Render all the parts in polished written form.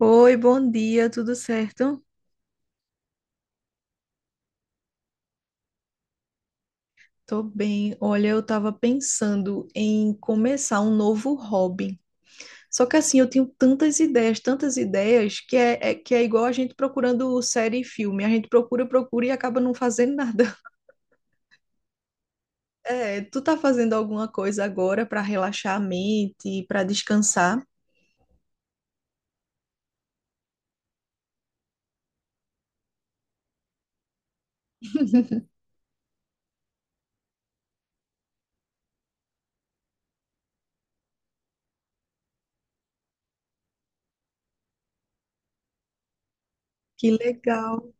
Oi, bom dia, tudo certo? Tô bem. Olha, eu tava pensando em começar um novo hobby. Só que assim, eu tenho tantas ideias, que é igual a gente procurando série e filme. A gente procura, procura e acaba não fazendo nada. É, tu tá fazendo alguma coisa agora para relaxar a mente, para descansar? Que legal.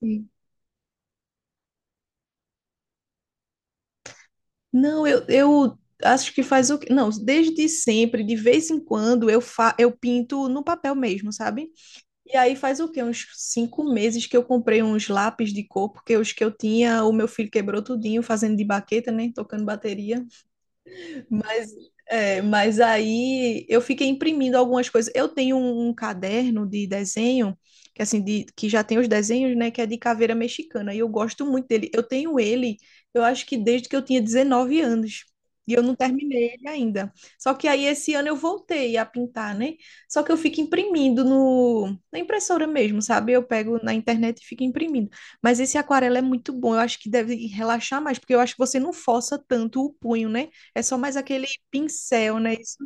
Sim. Não, eu acho que faz o que. Não, desde sempre, de vez em quando, eu pinto no papel mesmo, sabe? E aí faz o quê? Uns 5 meses que eu comprei uns lápis de cor, porque os que eu tinha, o meu filho quebrou tudinho, fazendo de baqueta, né? Tocando bateria. Mas, mas aí eu fiquei imprimindo algumas coisas. Eu tenho um caderno de desenho, que assim, que já tem os desenhos, né? Que é de caveira mexicana. E eu gosto muito dele. Eu tenho ele, eu acho que desde que eu tinha 19 anos. E eu não terminei ele ainda. Só que aí esse ano eu voltei a pintar, né? Só que eu fico imprimindo no, na impressora mesmo, sabe? Eu pego na internet e fico imprimindo. Mas esse aquarela é muito bom. Eu acho que deve relaxar mais, porque eu acho que você não força tanto o punho, né? É só mais aquele pincel, né? Isso?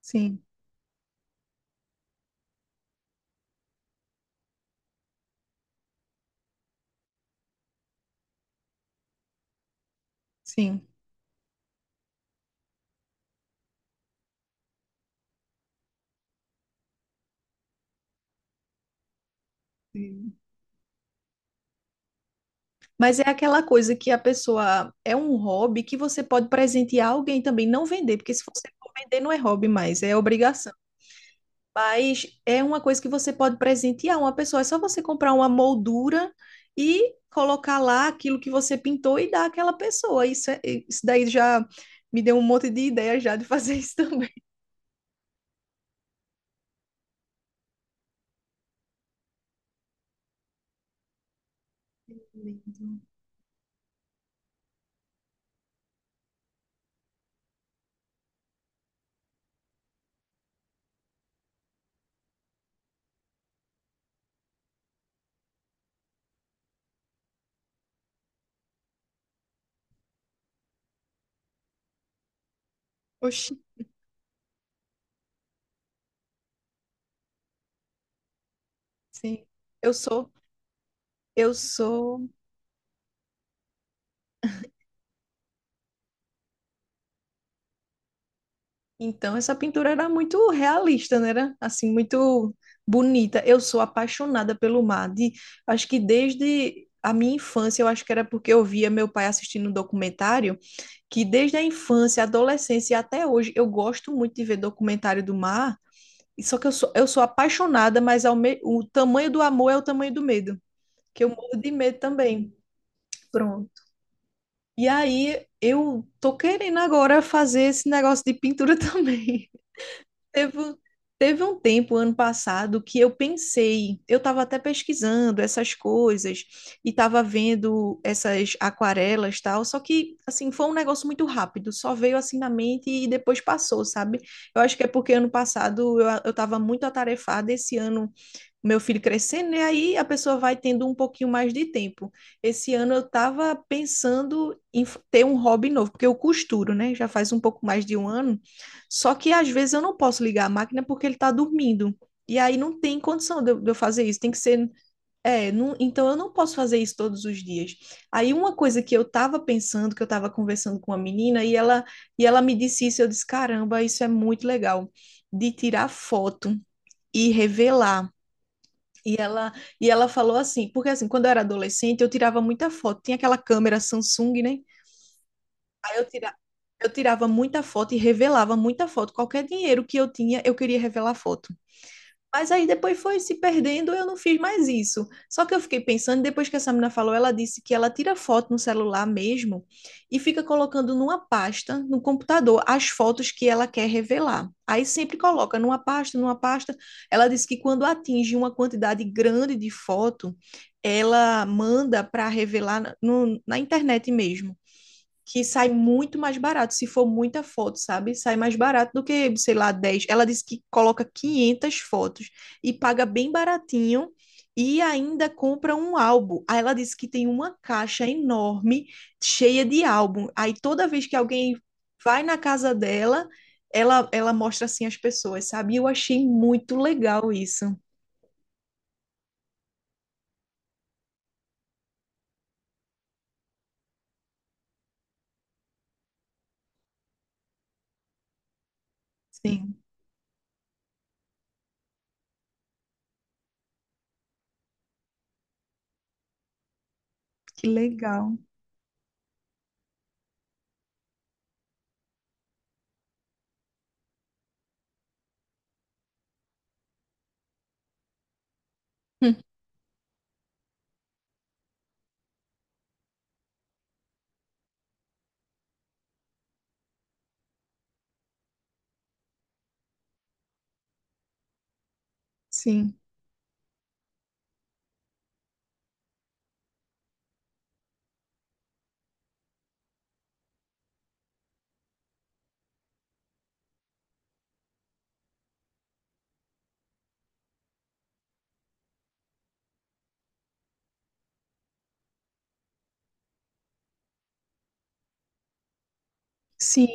Sim, sim, sim. Mas é aquela coisa que a pessoa é um hobby que você pode presentear alguém também, não vender, porque se você for vender não é hobby mais, é obrigação. Mas é uma coisa que você pode presentear uma pessoa, é só você comprar uma moldura e colocar lá aquilo que você pintou e dar àquela pessoa. Isso daí já me deu um monte de ideia já de fazer isso também. Lindo. Oxi, sim. Eu sou, eu sou Então, essa pintura era muito realista, né? Era assim, muito bonita. Eu sou apaixonada pelo mar. Acho que desde a minha infância, eu acho que era porque eu via meu pai assistindo um documentário, que desde a infância, adolescência e até hoje, eu gosto muito de ver documentário do mar. E só que eu sou apaixonada, mas o tamanho do amor é o tamanho do medo, que eu morro de medo também. Pronto. E aí, eu tô querendo agora fazer esse negócio de pintura também. Teve, um, teve um tempo, ano passado, que eu pensei, eu estava até pesquisando essas coisas e estava vendo essas aquarelas tal, só que, assim, foi um negócio muito rápido, só veio assim na mente e depois passou, sabe? Eu acho que é porque ano passado eu estava muito atarefada, esse ano meu filho crescendo, né? Aí a pessoa vai tendo um pouquinho mais de tempo. Esse ano eu estava pensando em ter um hobby novo, porque eu costuro, né? Já faz um pouco mais de um ano. Só que às vezes eu não posso ligar a máquina porque ele está dormindo. E aí não tem condição de eu fazer isso. Tem que ser. É, então eu não posso fazer isso todos os dias. Aí uma coisa que eu estava pensando, que eu estava conversando com uma menina, e ela me disse isso, eu disse, caramba, isso é muito legal, de tirar foto e revelar. E ela, e ela falou assim, porque assim, quando eu era adolescente, eu tirava muita foto. Tinha aquela câmera Samsung, né? Aí eu tirava muita foto e revelava muita foto. Qualquer dinheiro que eu tinha, eu queria revelar foto. Mas aí depois foi se perdendo, eu não fiz mais isso. Só que eu fiquei pensando, depois que essa menina falou, ela disse que ela tira foto no celular mesmo e fica colocando numa pasta no computador as fotos que ela quer revelar. Aí sempre coloca numa pasta, numa pasta. Ela disse que quando atinge uma quantidade grande de foto, ela manda para revelar na internet mesmo que sai muito mais barato, se for muita foto, sabe? Sai mais barato do que, sei lá, 10. Ela disse que coloca 500 fotos e paga bem baratinho e ainda compra um álbum. Aí ela disse que tem uma caixa enorme cheia de álbum. Aí toda vez que alguém vai na casa dela, ela mostra assim às pessoas, sabe? E eu achei muito legal isso. Sim, que legal. Hum, Sim. Sim,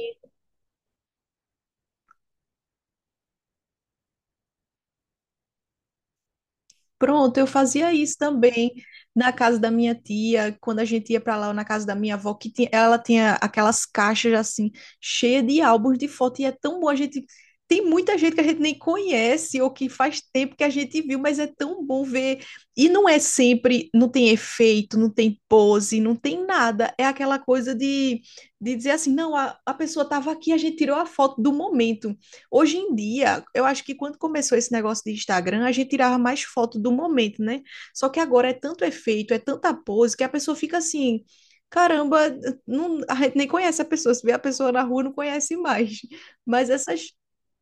pronto, eu fazia isso também na casa da minha tia, quando a gente ia para lá, ou na casa da minha avó, que ela tinha aquelas caixas assim, cheias de álbuns de foto, e é tão bom a gente. Tem muita gente que a gente nem conhece ou que faz tempo que a gente viu, mas é tão bom ver. E não é sempre, não tem efeito, não tem pose, não tem nada. É aquela coisa de, dizer assim, não, a pessoa estava aqui, a gente tirou a foto do momento. Hoje em dia, eu acho que quando começou esse negócio de Instagram, a gente tirava mais foto do momento, né? Só que agora é tanto efeito, é tanta pose, que a pessoa fica assim, caramba, não, a gente nem conhece a pessoa, se vê a pessoa na rua, não conhece mais. Mas essas,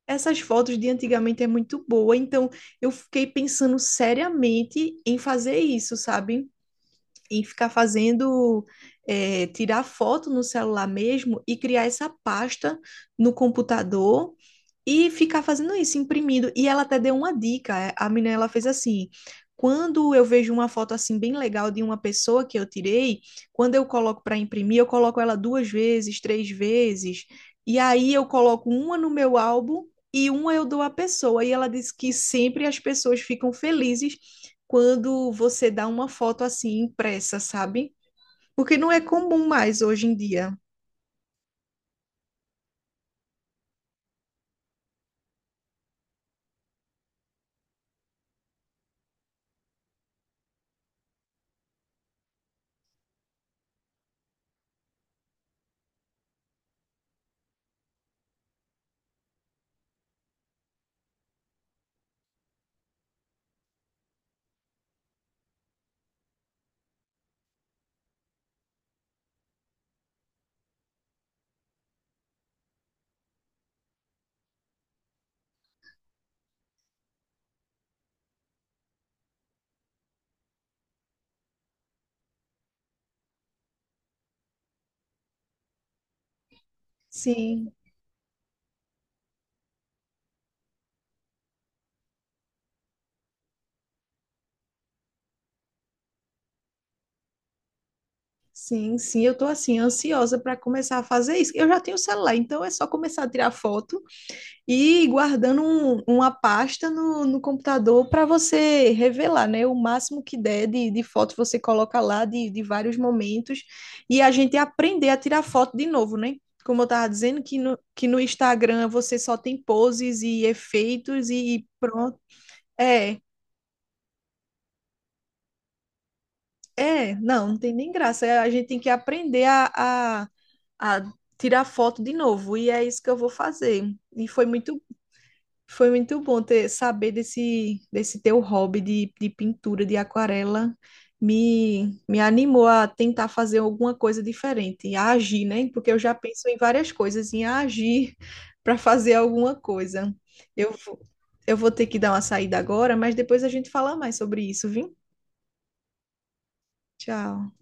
essas fotos de antigamente é muito boa, então eu fiquei pensando seriamente em fazer isso, sabe? E ficar fazendo, é, tirar foto no celular mesmo e criar essa pasta no computador e ficar fazendo isso, imprimindo. E ela até deu uma dica, é, a menina ela fez assim. Quando eu vejo uma foto assim bem legal de uma pessoa que eu tirei, quando eu coloco para imprimir, eu coloco ela duas vezes, três vezes, e aí eu coloco uma no meu álbum e uma eu dou à pessoa. E ela disse que sempre as pessoas ficam felizes quando você dá uma foto assim impressa, sabe? Porque não é comum mais hoje em dia. Sim, sim, sim. Eu tô assim ansiosa para começar a fazer isso. Eu já tenho o celular, então é só começar a tirar foto e ir guardando uma pasta no computador para você revelar, né? O máximo que der de foto você coloca lá de vários momentos e a gente aprender a tirar foto de novo, né? Como eu estava dizendo, que no Instagram você só tem poses e efeitos e pronto. É, é, não, não tem nem graça. É, a gente tem que aprender a, a tirar foto de novo, e é isso que eu vou fazer. E foi muito bom ter, saber desse teu hobby de pintura, de aquarela. Me animou a tentar fazer alguma coisa diferente, a agir, né? Porque eu já penso em várias coisas, em agir para fazer alguma coisa. Eu, vou- eu vou ter que dar uma saída agora, mas depois a gente fala mais sobre isso, viu? Tchau.